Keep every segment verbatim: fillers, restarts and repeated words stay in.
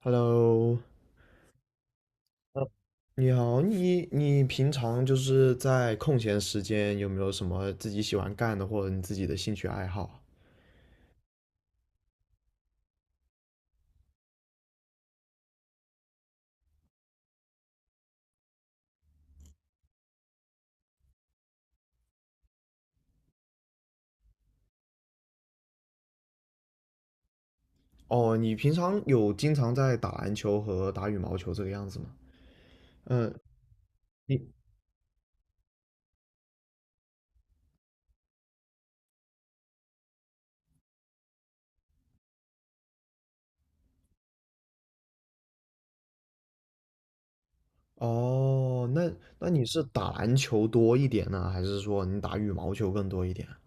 Hello。呃你好，你你平常就是在空闲时间有没有什么自己喜欢干的或者你自己的兴趣爱好啊？哦，你平常有经常在打篮球和打羽毛球这个样子吗？嗯，你哦，那那你是打篮球多一点呢，还是说你打羽毛球更多一点啊？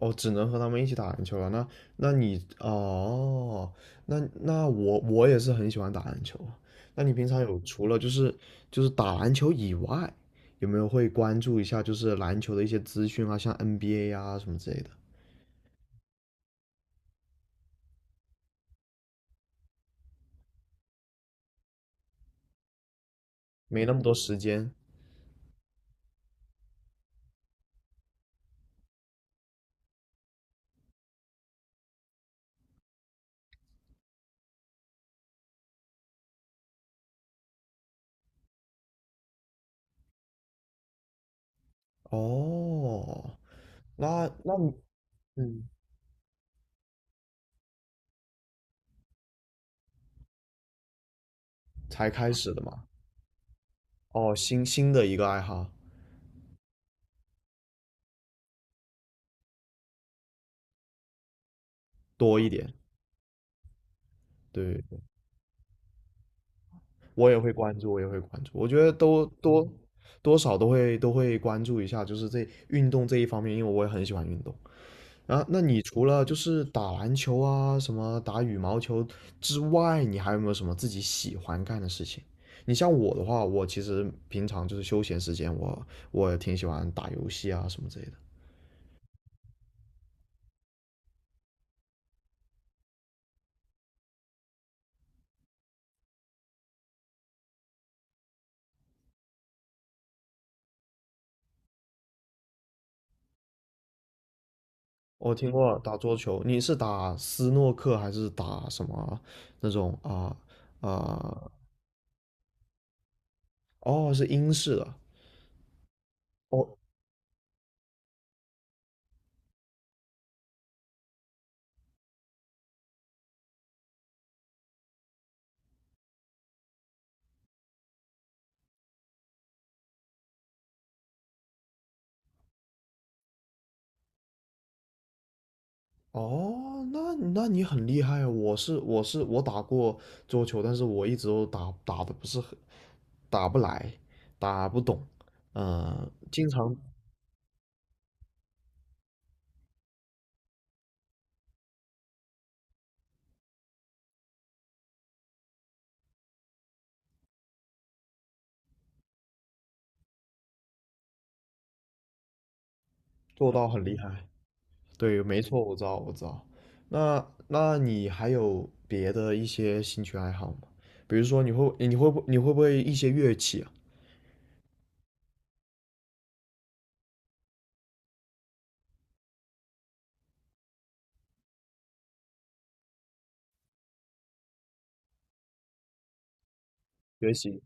哦，只能和他们一起打篮球了。那那你哦，那那我我也是很喜欢打篮球啊。那你平常有除了就是就是打篮球以外，有没有会关注一下就是篮球的一些资讯啊，像 N B A 啊什么之类的？没那么多时间。哦，那那你嗯，才开始的嘛。哦，新新的一个爱好多一点。对，我也会关注，我也会关注。我觉得都多多少都会都会关注一下，就是这运动这一方面，因为我也很喜欢运动。然后，那你除了就是打篮球啊，什么打羽毛球之外，你还有没有什么自己喜欢干的事情？你像我的话，我其实平常就是休闲时间，我我也挺喜欢打游戏啊什么之类的。我听过打桌球，你是打斯诺克还是打什么那种啊？啊、哦，是英式的。哦，哦，那那你很厉害啊！我是我是我打过桌球，但是我一直都打打的不是很，打不来，打不懂，嗯，经常做到很厉害。对，没错，我知道，我知道。那那你还有别的一些兴趣爱好吗？比如说你会你会不你会不会一些乐器啊？学习。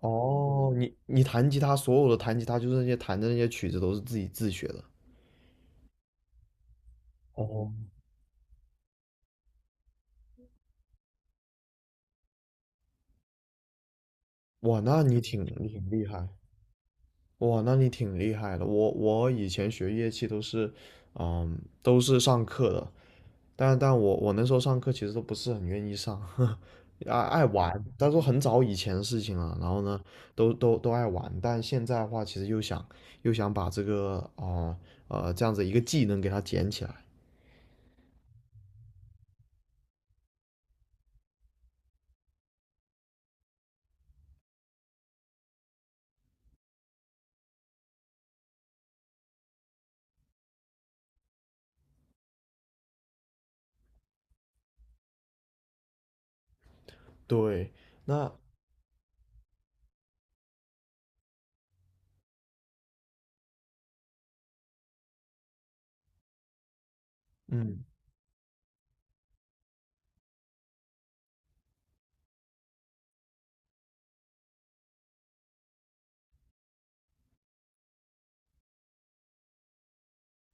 哦，你你弹吉他，所有的弹吉他就是那些弹的那些曲子都是自己自学的。哦，哇，那你挺你挺厉害。哇，那你挺厉害的。我我以前学乐器都是，嗯，都是上课的，但但我我那时候上课其实都不是很愿意上，爱爱玩。但是很早以前的事情了，然后呢，都都都爱玩。但现在的话，其实又想又想把这个啊呃，这样子一个技能给它捡起来。对，那嗯。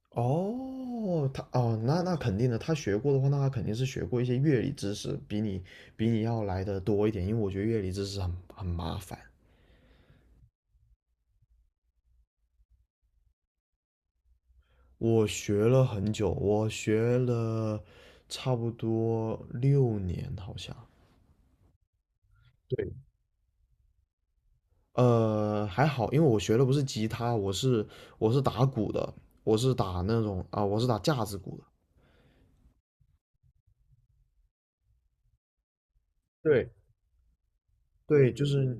哦，他哦，那那肯定的，他学过的话，那他肯定是学过一些乐理知识，比你比你要来的多一点，因为我觉得乐理知识很很麻烦。我学了很久，我学了差不多六年，好像。对，呃，还好，因为我学的不是吉他，我是我是打鼓的，我是打那种啊、我是打架子鼓的。对。对，就是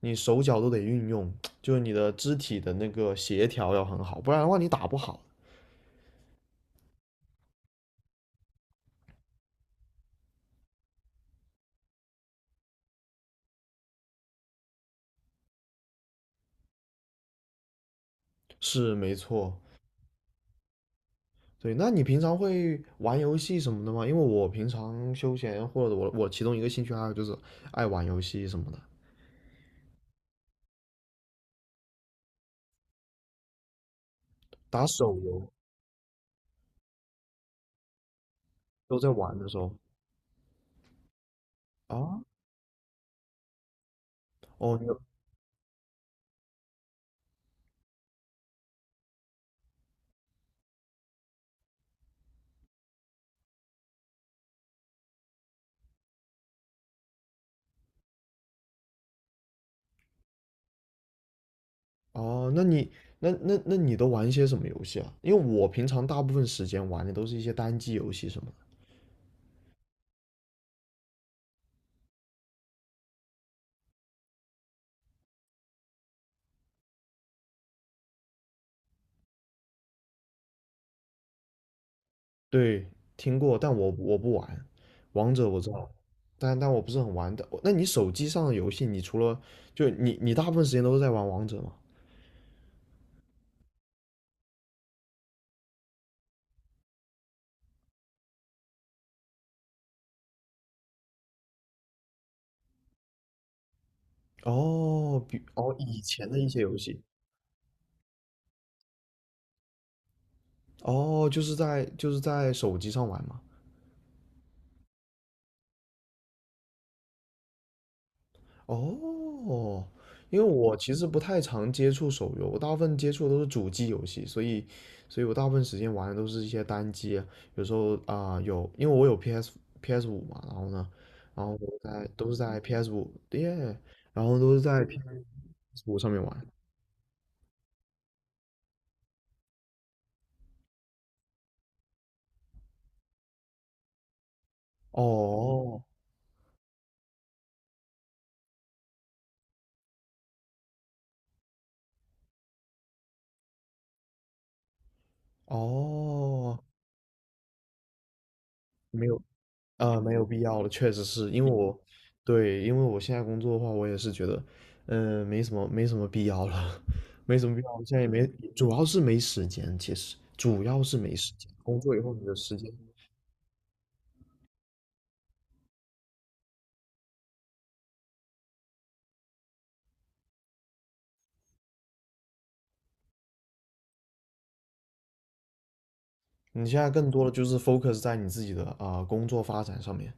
你手脚都得运用，就是你的肢体的那个协调要很好，不然的话你打不好。是没错，对。那你平常会玩游戏什么的吗？因为我平常休闲或者我我其中一个兴趣爱好就是爱玩游戏什么的，打手游都在玩的时候啊。哦，你哦，那你那那那你都玩一些什么游戏啊？因为我平常大部分时间玩的都是一些单机游戏什么的。对，听过，但我我不玩，王者我知道，但但我不是很玩的。那你手机上的游戏，你除了就你你大部分时间都是在玩王者吗？哦，比哦以前的一些游戏，哦，就是在就是在手机上玩嘛。哦，因为我其实不太常接触手游，我大部分接触的都是主机游戏，所以，所以我大部分时间玩的都是一些单机啊，有时候啊、有，因为我有 P S PS 五嘛，然后呢，然后我在都是在 PS 五耶，然后都是在 PS 五上面玩。哦哦，没有呃，没有必要了，确实是因为我，对，因为我现在工作的话，我也是觉得，嗯、没什么，没什么必要了，没什么必要了，现在也没，主要是没时间，其实主要是没时间，工作以后你的时间，你现在更多的就是 focus 在你自己的啊、呃工作发展上面，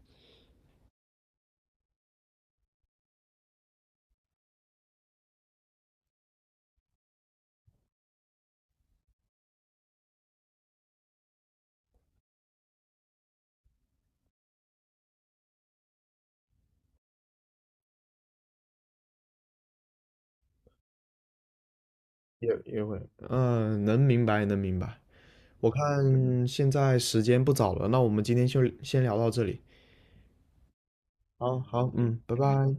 也也会，嗯、能明白，能明白。我看现在时间不早了，那我们今天就先聊到这里。好好，嗯，拜拜。